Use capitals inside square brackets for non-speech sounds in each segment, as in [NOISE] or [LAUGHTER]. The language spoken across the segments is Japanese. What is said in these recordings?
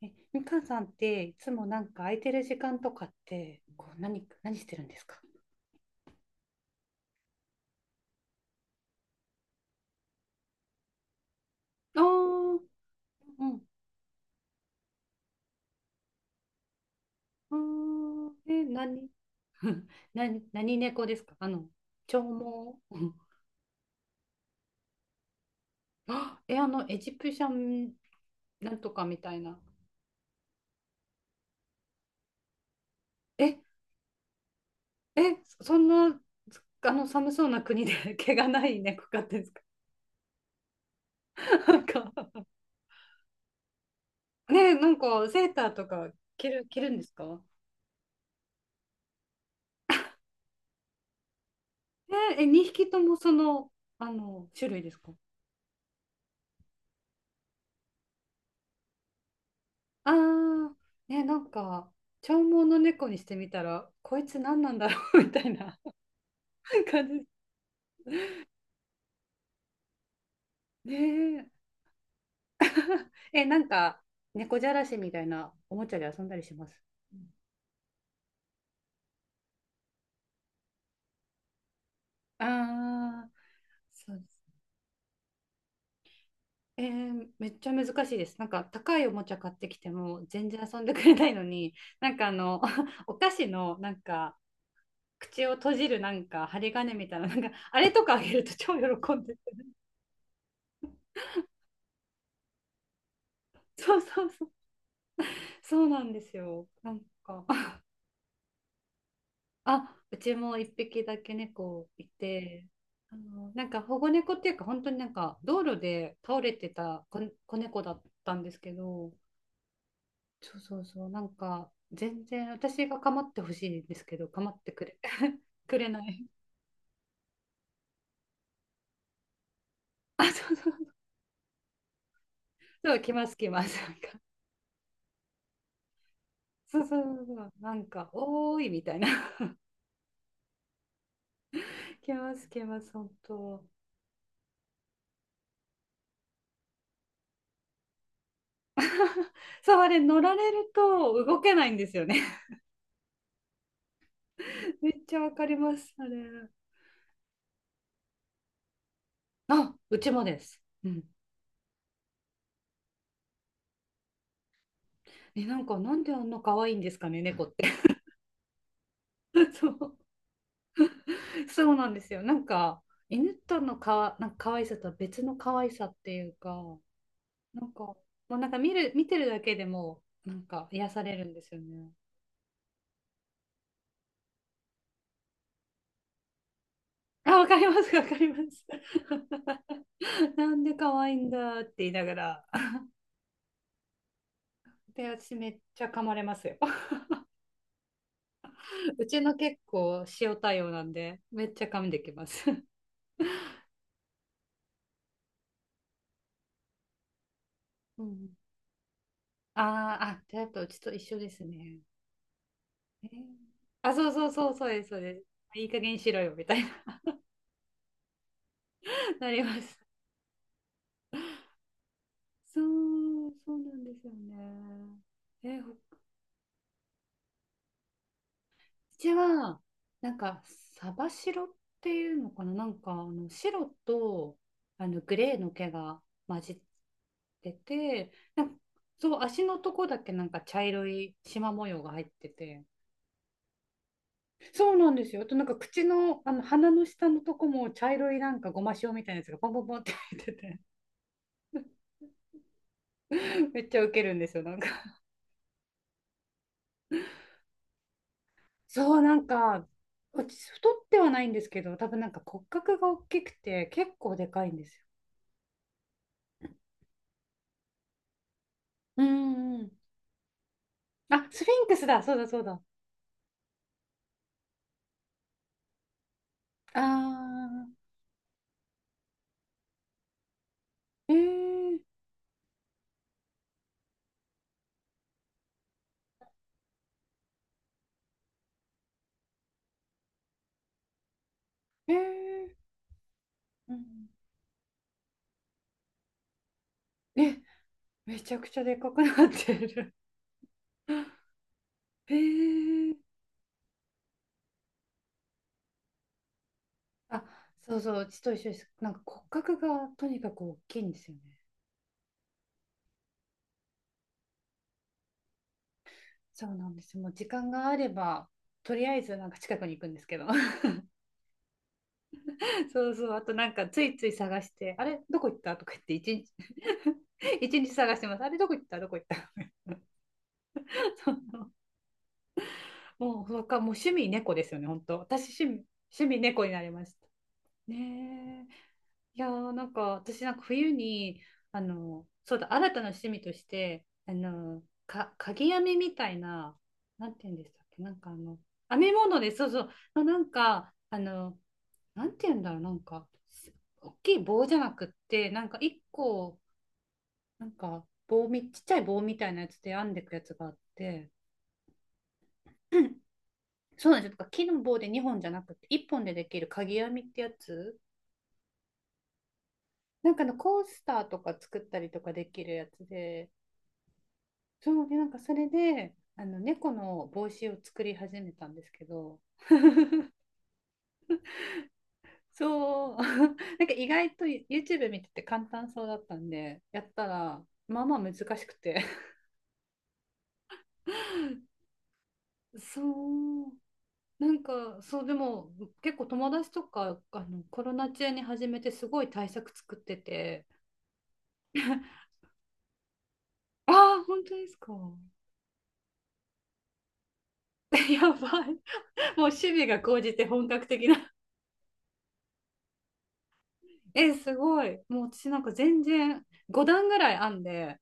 みかんさんっていつもなんか空いてる時間とかってこう何してるんですか？あーうん。うーん何。 [LAUGHS] 何猫ですか？長毛。[LAUGHS] うん。あえ、あの、エジプシャンなんとかみたいな。え、そそんな、あの、寒そうな国で [LAUGHS] 毛がない猫飼ってんですか？ [LAUGHS] なんか、ねえ、なんか、セーターとか着るんですか？2匹ともその、あの、種類ですか？ああ、ね、なんか、長毛の猫にしてみたら、こいつ何なんだろう [LAUGHS] みたいな感じ。ねえ。なんか、猫じゃらしみたいなおもちゃで遊んだりします？ああー、そうです。えー、めっちゃ難しいです。なんか高いおもちゃ買ってきても全然遊んでくれないのに、なんかあの、[LAUGHS] お菓子のなんか口を閉じるなんか針金みたいな、なんかあれとかあげると超喜んでて。そうそうそう。そうなんですよ。なんかあ、うちも一匹だけ猫いて、あの、なんか保護猫っていうか、本当になんか道路で倒れてた子、子猫だったんですけど、そうそうそう、なんか全然私が構ってほしいんですけど、構ってくれ、[LAUGHS] くれない。あ、そうそう、そう、来ます来ます。なんか、そうそうそうそう、なんか、おーいみたいな。[LAUGHS] 来ます来ます、本当。そう、あれ乗られると動けないんですよね。[LAUGHS] めっちゃわかります、あれ。あ、うちもです。うん。なんか、なんであんな可愛いんですかね、猫って。[LAUGHS] そう、[LAUGHS] そうなんですよ。なんか、犬とのかわ、なんか可愛さとは別の可愛さっていうか、なんか、もうなんか見てるだけでも、なんか癒されるんですよね。あ、わかります、わかります。[LAUGHS] なんで可愛いんだって言いながら。で、私めっちゃ噛まれますよ。[LAUGHS] うちの結構塩対応なんで、めっちゃ噛んできます。[LAUGHS] うん。あーあ、じゃあやっぱうちと一緒ですね。えー。あ、そうそうそう、そうです、そうです。いい加減にしろよ、みたいな、[LAUGHS] なります。そう、そうなんですよね。えー、ほうちは、なんか、サバ白っていうのかな、なんか、あの白とあのグレーの毛が混じってて、なんかそう、足のとこだけなんか茶色い縞模様が入ってて、そうなんですよ。あと、なんか口の、あの鼻の下のとこも茶色いなんかごま塩みたいなやつがポンポンポンって入ってて。めっちゃウケるんですよ、なんか。そう、なんか、私、太ってはないんですけど、多分なんか骨格が大きくて、結構でかいんですよ。うんうん。あ、スフィンクスだ、そうだそうだ。あー、えー、えー、うん。え、めちゃくちゃでかくなってる。[LAUGHS] ええ。あ、そうそう、うちと一緒です。なんか骨格がとにかく大きいんですよね。そうなんですよ。もう時間があれば、とりあえずなんか近くに行くんですけど。そうそう、あとなんかついつい探して、あれどこ行ったとか言って一日 [LAUGHS] 一日探してます。あれどこ行ったどこ行った。 [LAUGHS] そう、もう、もう趣味猫ですよね、本当。私趣味猫になりました。ねえ。いやー、なんか私なんか冬に、あの、そうだ、新たな趣味として、あの、鍵編みみたいな、なんて言うんでしたっけ、なんかあの、編み物で、そうそう、のなんか、あの、なんて言うんだろう、なんか、大きい棒じゃなくって、なんか一個、なんかちっちゃい棒みたいなやつで編んでいくやつがあって、うん。そうなんですよ。とか木の棒で2本じゃなくて、1本でできる鍵編みってやつ、なんかあのコースターとか作ったりとかできるやつで、そうで、なんかそれで、あの猫の帽子を作り始めたんですけど、そう [LAUGHS]、なんか意外と YouTube 見てて簡単そうだったんで、やったら、まあまあ難しくて。 [LAUGHS] そう、なんか、そう、でも、結構友達とか、あの、コロナ中に始めて、すごい対策作ってて、ああ、本当ですか。[LAUGHS] やばい。もう趣味が高じて本格的な。え、すごい。もう私なんか全然、5段ぐらい編んで、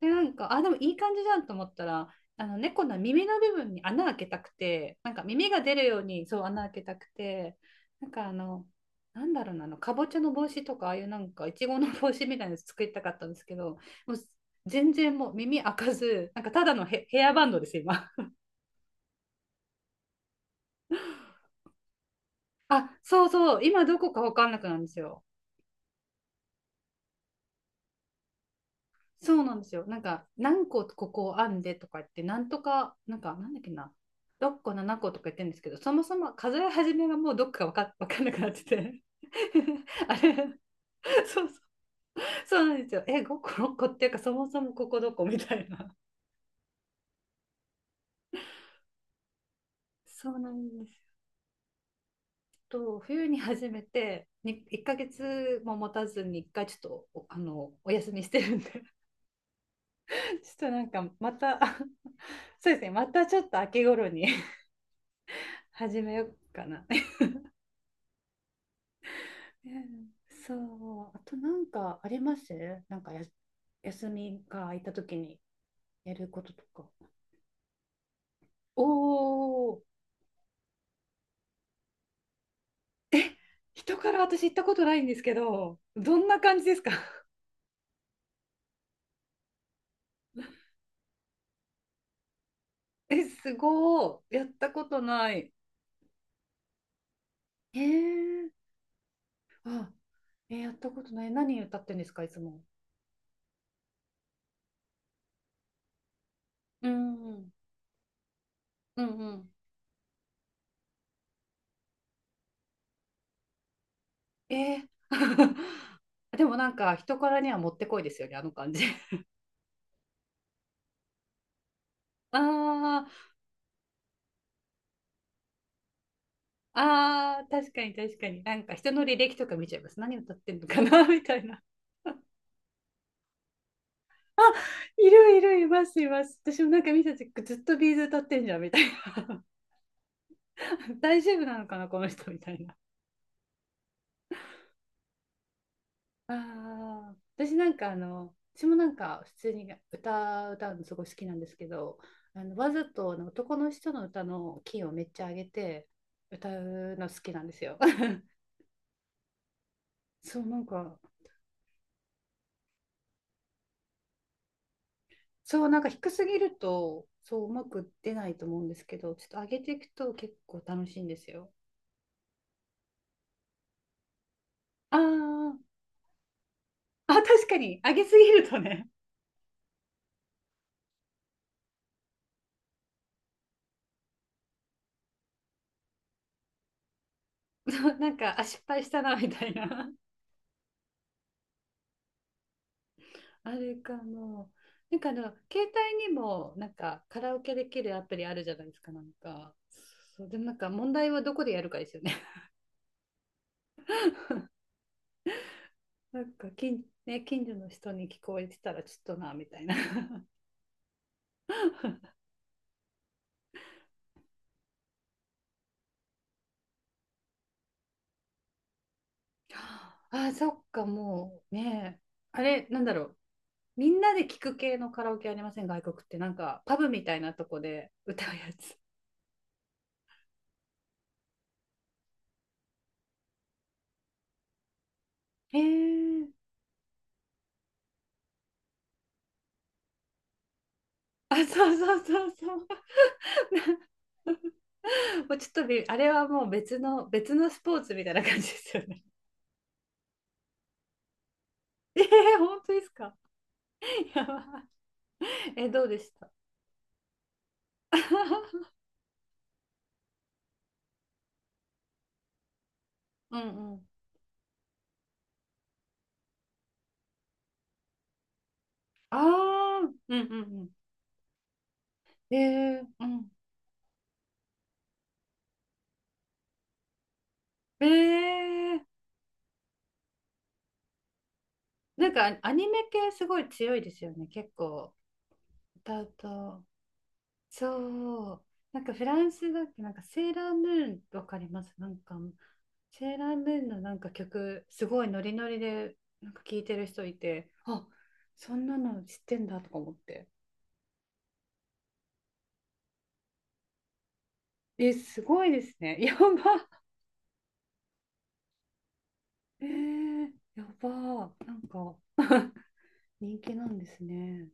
で、なんか、あ、でもいい感じじゃんと思ったら、あの猫の耳の部分に穴開けたくて、なんか耳が出るようにそう穴開けたくて、なんかあの、なんだろうな、あの、かぼちゃの帽子とか、ああいうなんか、いちごの帽子みたいなやつ作りたかったんですけど、もう全然もう耳開かず、なんかただのヘアバンドです、今。[LAUGHS] あ、そうそう、今どこかわかんなくなるんですよ。そうなんですよ。なんか、何個ここ編んでとか言って、なんとか、なんか、なんだっけな、6個、7個とか言ってるんですけど、そもそも数え始めがもうどっか[LAUGHS] わかんなくなってて [LAUGHS]。あれ [LAUGHS]、そうそう、そうなんですよ。え、5個、6個っていうか、そもそもここどこみたいな。そうなんです。と、冬に始めて、に1ヶ月も持たずに、1回ちょっとあの、お休みしてるんで [LAUGHS]、ちょっとなんか、また [LAUGHS]、そうですね、またちょっと秋頃に [LAUGHS] 始めようかな。ね、そう。あとなんかあります？なんかや休みが空いた時にやることとか。おお、人から私行ったことないんですけど、どんな感じですか？ [LAUGHS] え、すごい。やったことない。えー、あ、えー、やったことない。何歌ってんですか、いつも。うんうんうんうん。えー。 [LAUGHS] でもなんか人からにはもってこいですよね、あの感じ。[LAUGHS] あ。あ、あ、確かに確かに。なんか人の履歴とか見ちゃいます。何歌ってんのかな [LAUGHS] みたいな。あ、いるいるいますいます。私もなんか見た時ずっとビーズ歌ってんじゃんみたいな。[LAUGHS] 大丈夫なのかなこの人みたいな。ああ、私なんかあの、私もなんか普通に歌歌うのすごい好きなんですけど、あのわざとあの男の人の歌のキーをめっちゃ上げて歌うの好きなんですよ。[LAUGHS] そうなんか。そう、なんか低すぎると、そう、うまく出ないと思うんですけど、ちょっと上げていくと結構楽しいんですよ。あー。 [LAUGHS] あ、確かに、上げすぎるとね、[LAUGHS] そうなんか、あ、失敗したな、みたいな。[LAUGHS] あれかも。なんかあの、携帯にも、なんか、カラオケできるアプリあるじゃないですか、なんか。そう、でもなんか、問題はどこでやるかですよね。[LAUGHS] なんかね、近所の人に聞こえてたら、ちょっとな、みたいな。[LAUGHS] あー、そっか、もう、ね。あれ、なんだろう。みんなで聞く系のカラオケありません？外国ってなんかパブみたいなとこで歌うやつ。へえ。あ、そうそうそうそう。[LAUGHS] もうちょっとびあれはもう別のスポーツみたいな感じですよね。[LAUGHS] えー、本当ですか。やばい。え、どうでした？[LAUGHS] うんうん。ああ、うんうんうん。えー、うん。えー、なんかアニメ系すごい強いですよね。結構歌うと。そう。なんかフランスだっけ、なんかセーラームーンわかります？なんか、セーラームーンのなんか曲、すごいノリノリで、なんか聴いてる人いて、あ、そんなの知ってんだとか思って。え、すごいですね。[LAUGHS] やば。えー、やば。なんか [LAUGHS]、人気なんですね。